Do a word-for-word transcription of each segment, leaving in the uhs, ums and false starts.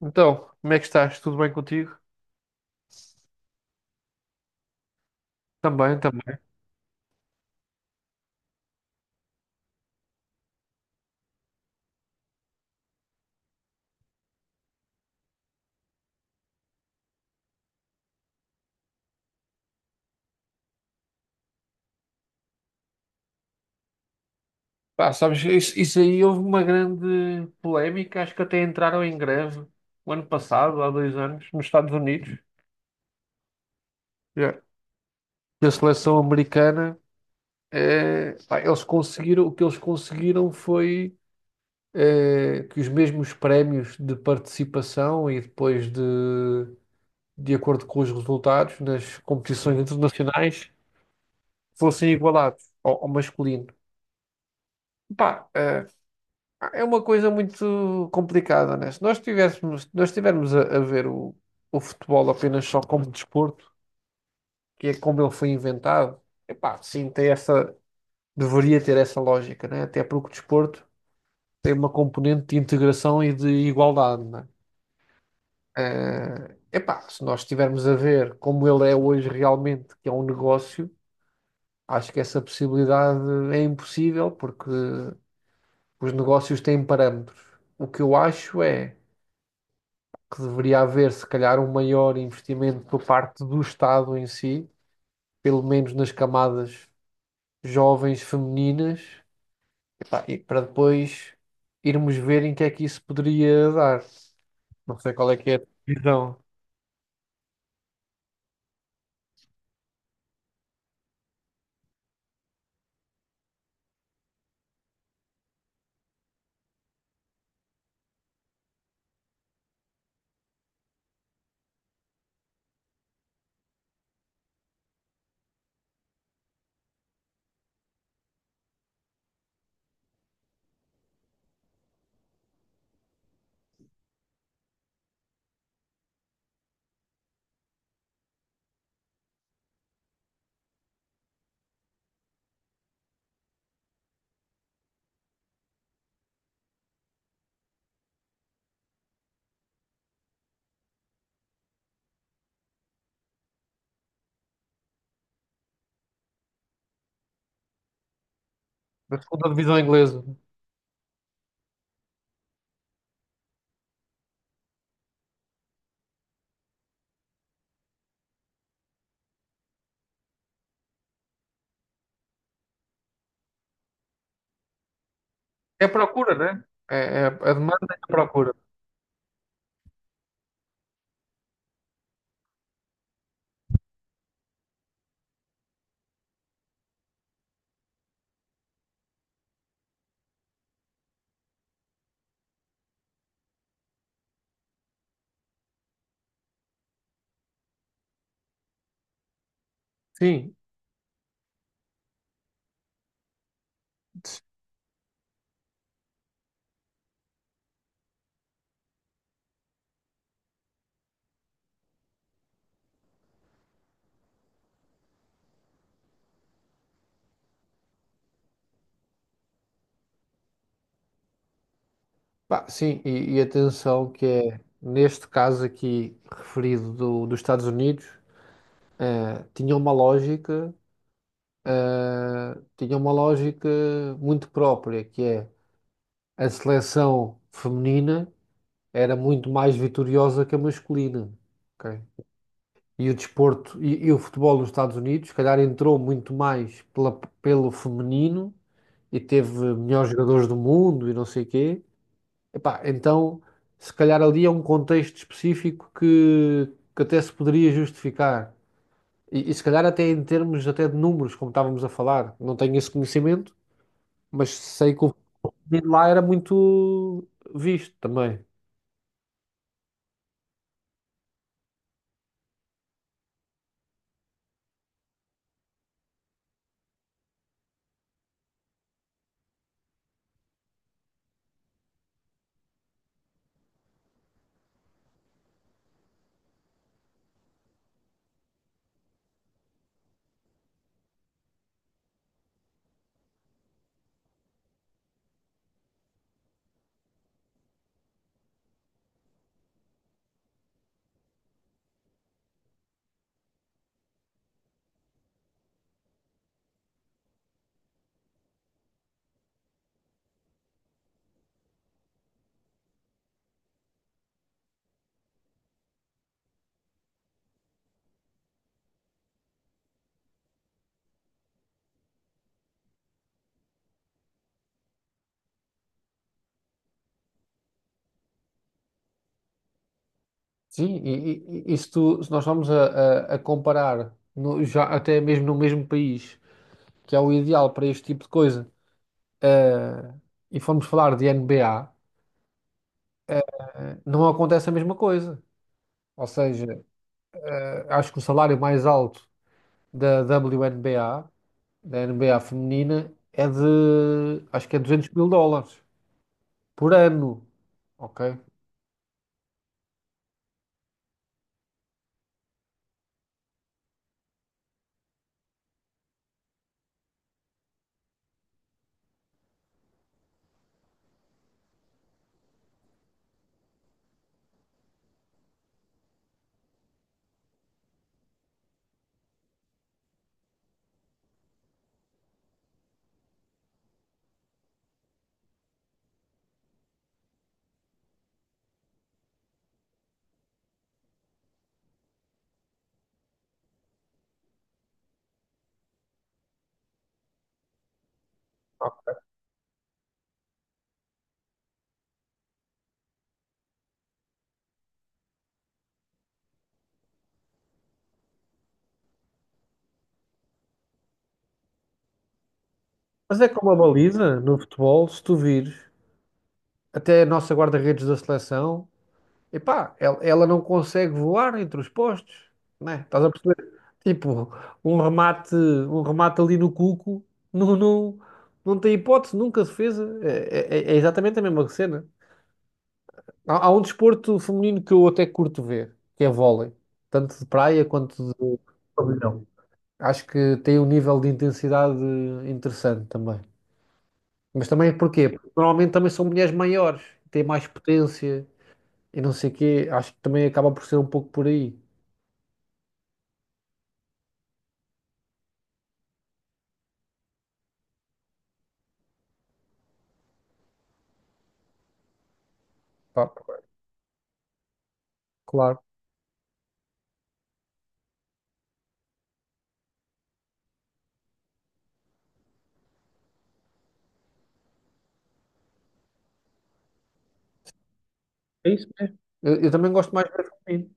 Então, como é que estás? Tudo bem contigo? Também, também. Pá, sabes, isso, isso aí houve uma grande polémica, acho que até entraram em greve o ano passado, há dois anos, nos Estados Unidos. Yeah. E a seleção americana, eh, pá, eles conseguiram, o que eles conseguiram foi eh, que os mesmos prémios de participação e depois de, de acordo com os resultados nas competições internacionais fossem igualados ao, ao masculino. Pá, eh, é uma coisa muito complicada, né? Se nós tivéssemos, nós estivermos a, a ver o, o futebol apenas só como desporto, que é como ele foi inventado, epá, sim, tem essa, deveria ter essa lógica, né? Até porque o desporto tem uma componente de integração e de igualdade, né? Eh, epá, se nós estivermos a ver como ele é hoje realmente, que é um negócio, acho que essa possibilidade é impossível, porque os negócios têm parâmetros. O que eu acho é que deveria haver, se calhar, um maior investimento por parte do Estado em si, pelo menos nas camadas jovens femininas, epá, e para depois irmos ver em que é que isso poderia dar. Não sei qual é que é a divisão, da segunda divisão inglesa. É a procura, né? É, é a demanda e a procura. Sim, pá, sim, e, e atenção que é, neste caso aqui referido do, dos Estados Unidos, eh, tinha uma lógica eh, tinha uma lógica muito própria, que é a seleção feminina era muito mais vitoriosa que a masculina. Ok? E o desporto e, e o futebol nos Estados Unidos, se calhar, entrou muito mais pela- pelo feminino e teve melhores jogadores do mundo e não sei quê. Epá, então, se calhar ali é um contexto específico que, que até se poderia justificar. E, e se calhar até em termos até de números, como estávamos a falar, não tenho esse conhecimento, mas sei que o de lá era muito visto também. Sim, e, e, e isto, se nós vamos a, a- a comparar, no- já até mesmo no mesmo país, que é o ideal para este tipo de coisa, eh, e formos falar de N B A, eh, não acontece a mesma coisa. Ou seja, eh, acho que o salário mais alto da W N B A, da N B A feminina, é de, acho que é duzentos mil dólares por ano, ok? Mas é como a baliza no futebol, se tu vires, até a nossa guarda-redes da seleção, epá, ela, ela não consegue voar entre os postos, né? Estás a perceber? Tipo, um remate, um remate ali no cuco, não, não, não tem hipótese, nunca defesa. É, é- é é exatamente a mesma cena. Há, há um desporto feminino que eu até curto ver, que é vôlei, tanto de praia quanto de pavilhão. Acho que tem um nível de intensidade interessante também. Mas também porquê? Porque normalmente também são mulheres maiores, têm mais potência e não sei o quê. Acho que também acaba por ser um pouco por aí. Pá, claro. É isso mesmo. Eu, eu também gosto mais de ver feminino.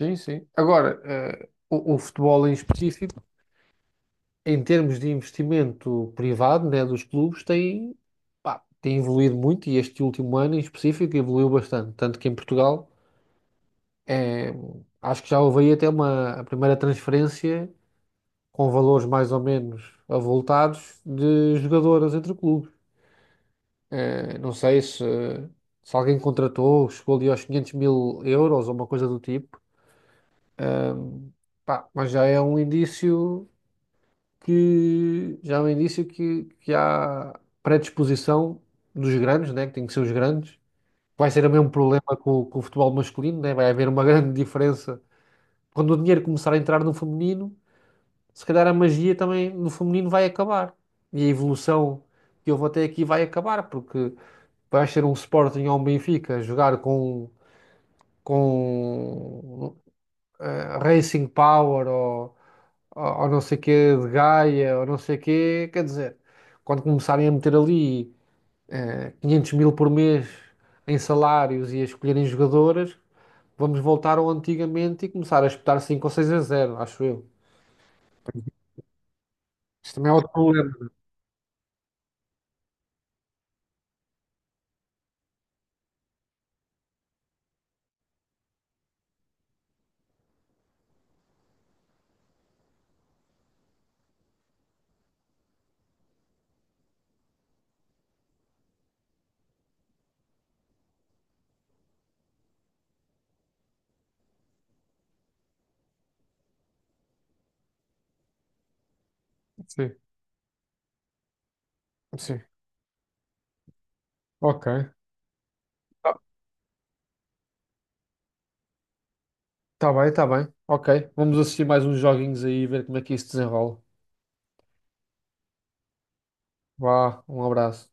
Sim, sim. Agora, eh, o, o futebol em específico, em termos de investimento privado, né, dos clubes, tem, pá, tem evoluído muito e este último ano em específico evoluiu bastante. Tanto que em Portugal, eh, acho que já houve aí até uma, a primeira transferência, com valores mais ou menos avultados de jogadoras entre clubes. Eh, Não sei se, se alguém contratou, chegou ali aos quinhentos mil euros ou uma coisa do tipo. Pá, mas já é um indício que já é um indício que, que há predisposição dos grandes, né, que tem que ser os grandes. Vai ser o mesmo problema com, o com o futebol masculino, né? Vai haver uma grande diferença quando o dinheiro começar a entrar no feminino se calhar a magia também no feminino vai acabar. E a evolução que houve até aqui vai acabar, porque vai ser um Sporting ou um Benfica a jogar com, com eh, Racing Power ou, ou, ou não sei quê de Gaia ou não sei quê. Quer dizer, quando começarem a meter ali eh, quinhentos mil por mês em salários e a escolherem jogadoras, vamos voltar ao antigamente e começar a espetar cinco ou seis a zero acho eu. Isso também é outro problema. Sim, sim. Ok. Tá bem, tá bem. Ok. Vamos assistir mais uns joguinhos aí e ver como é que isso desenrola. Vá, um abraço.